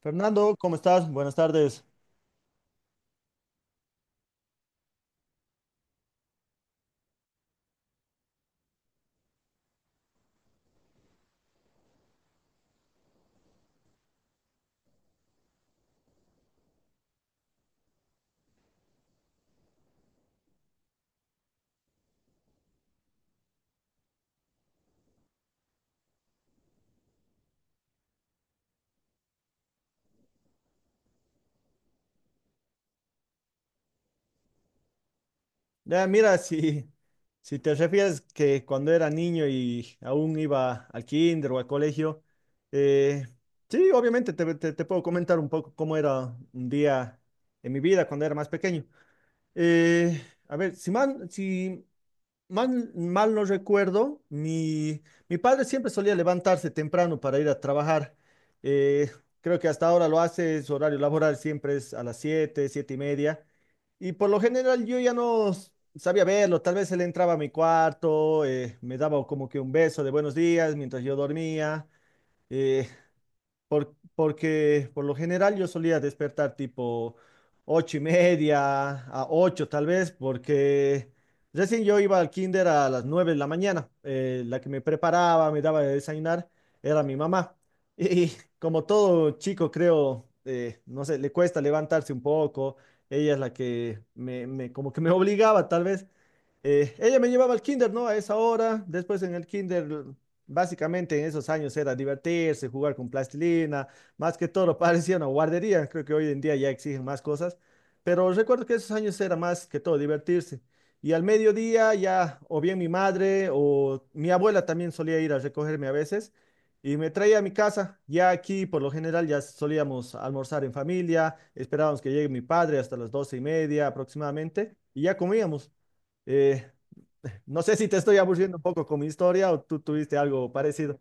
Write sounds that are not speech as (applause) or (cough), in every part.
Fernando, ¿cómo estás? Buenas tardes. Ya, mira, (laughs) si te refieres que cuando era niño y aún iba al kinder o al colegio, eh, sí, obviamente te puedo comentar un poco cómo era un día en mi vida cuando era más pequeño. Eh, a ver, si mal no recuerdo, mi padre siempre solía levantarse temprano para ir a trabajar. Eh, Creo que hasta ahora lo hace, su horario laboral siempre es a las siete y media. Y por lo general yo ya no sabía verlo, tal vez él entraba a mi cuarto, me daba como que un beso de buenos días mientras yo dormía. eh, Porque por lo general yo solía despertar tipo 8:30 a ocho tal vez, porque recién yo iba al kinder a las 9 de la mañana. La que me preparaba, me daba de desayunar, era mi mamá. (laughs) Y como todo chico, creo, no sé, le cuesta levantarse un poco. Ella es la que como que me obligaba tal vez. Ella me llevaba al kinder, ¿no? A esa hora. Después en el kinder, básicamente en esos años era divertirse, jugar con plastilina. Más que todo (laughs) parecía una guardería. Creo que hoy en día ya exigen más cosas. Pero recuerdo que esos años era más que todo divertirse. Y al mediodía ya o bien mi madre o mi abuela también solía ir a recogerme a veces y me traía a mi casa. Ya aquí por lo general ya solíamos almorzar en familia, esperábamos que llegue mi padre hasta las 12:30 aproximadamente y ya comíamos. Eh, no sé si te estoy aburriendo un poco con mi historia o tú tuviste algo parecido.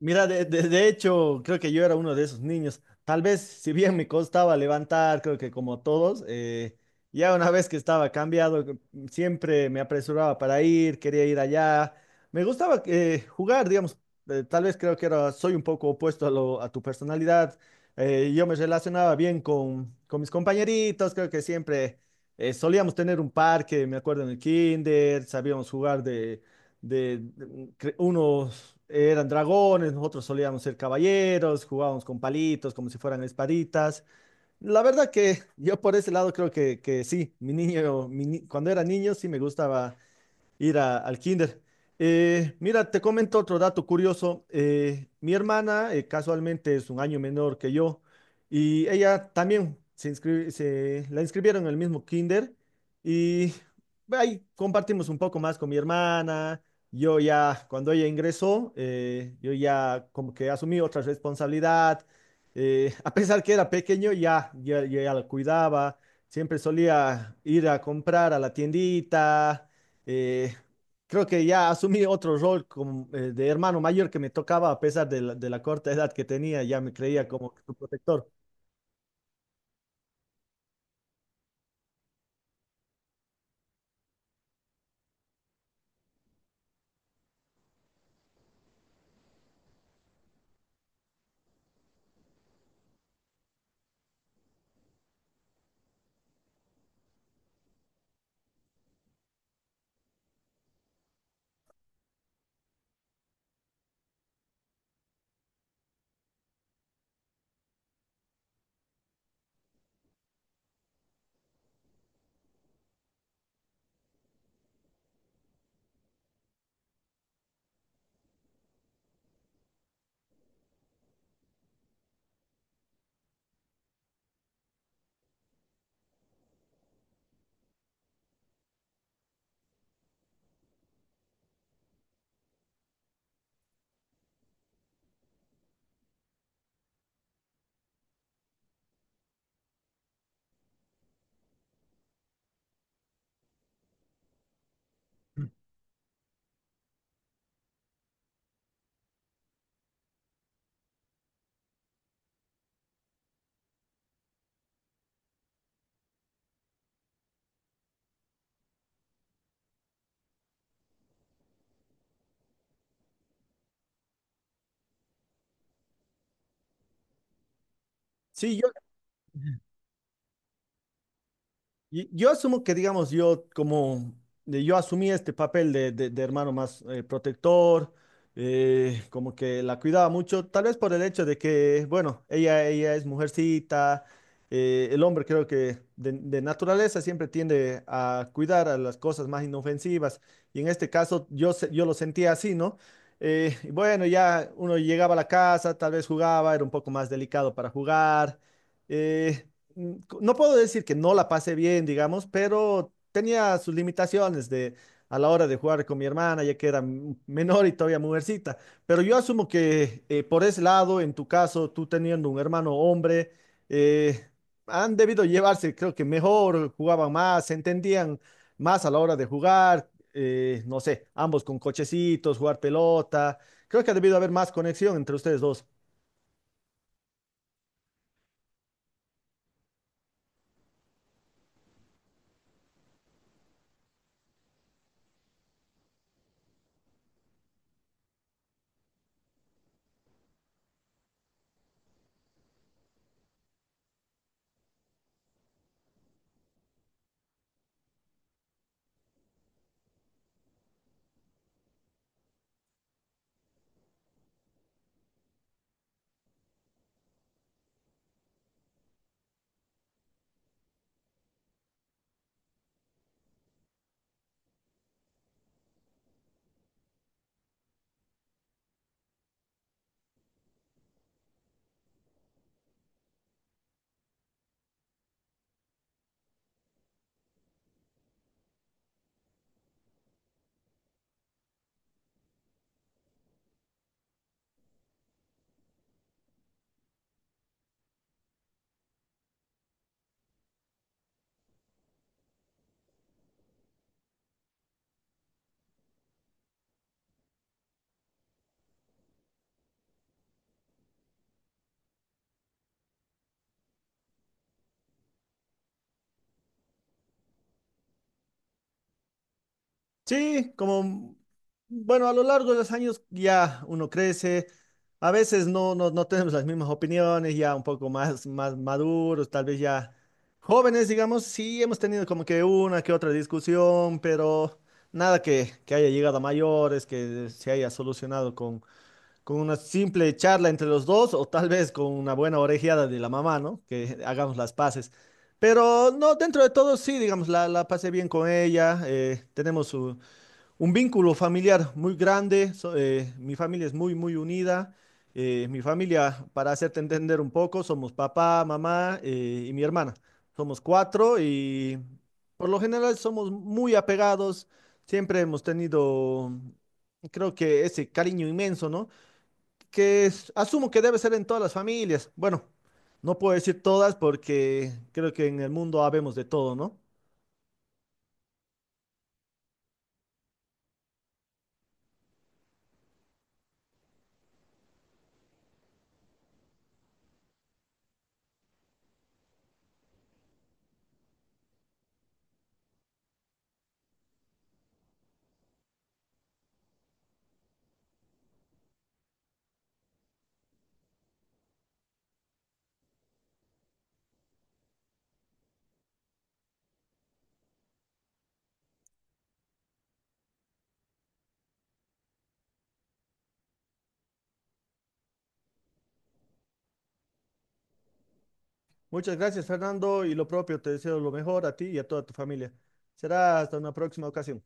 Mira, de hecho, creo que yo era uno de esos niños. Tal vez, si bien me costaba levantar, creo que como todos, ya una vez que estaba cambiado, siempre me apresuraba para ir, quería ir allá. Me gustaba jugar, digamos. Tal vez creo que era, soy un poco opuesto a tu personalidad. Yo me relacionaba bien con mis compañeritos, creo que siempre solíamos tener un parque, me acuerdo en el kinder, sabíamos jugar unos eran dragones, nosotros solíamos ser caballeros, jugábamos con palitos como si fueran espaditas. La verdad que yo por ese lado creo que sí, mi niño, mi ni- cuando era niño sí me gustaba ir al kinder. Mira, te comento otro dato curioso. Mi hermana casualmente es un año menor que yo y ella también se la inscribieron en el mismo kinder y ahí compartimos un poco más con mi hermana. Yo ya, cuando ella ingresó, yo ya como que asumí otra responsabilidad. A pesar que era pequeño, ya la cuidaba. Siempre solía ir a comprar a la tiendita eh, creo que ya asumí otro rol como, de hermano mayor que me tocaba a pesar de la corta edad que tenía, ya me creía como su protector. Sí, yo asumo que, digamos, yo como yo asumí este papel de hermano más protector, como que la cuidaba mucho, tal vez por el hecho de que, bueno, ella es mujercita, el hombre creo que de naturaleza siempre tiende a cuidar a las cosas más inofensivas, y en este caso yo, yo lo sentía así, ¿no? Y bueno, ya uno llegaba a la casa, tal vez jugaba, era un poco más delicado para jugar. eh, mm, no puedo decir que no la pasé bien, digamos, pero tenía sus limitaciones de a la hora de jugar con mi hermana, ya que era menor y todavía mujercita. Pero yo asumo que por ese lado, en tu caso, tú teniendo un hermano hombre, eh, han debido llevarse, creo que mejor, jugaban más, se entendían más a la hora de jugar, no sé, ambos con cochecitos, jugar pelota. Creo que ha debido haber más conexión entre ustedes dos. Sí, como, bueno, a lo largo de los años ya uno crece, a veces no tenemos las mismas opiniones, ya un poco más, maduros, tal vez ya jóvenes, digamos, sí hemos tenido como que una que otra discusión, pero nada que haya llegado a mayores, que se haya solucionado con una simple charla entre los dos o tal vez con una buena orejeada de la mamá, ¿no? Que hagamos las paces. Pero no, dentro de todo sí, digamos, la pasé bien con ella, tenemos su un vínculo familiar muy grande. Mi familia es muy, muy unida. Mi familia, para hacerte entender un poco, somos papá, mamá y mi hermana. Somos cuatro y por lo general somos muy apegados. Siempre hemos tenido, creo que ese cariño inmenso, ¿no? Asumo que debe ser en todas las familias. Bueno, no puedo decir todas porque creo que en el mundo habemos de todo, ¿no? Muchas gracias, Fernando, y lo propio, te deseo lo mejor a ti y a toda tu familia. Será hasta una próxima ocasión.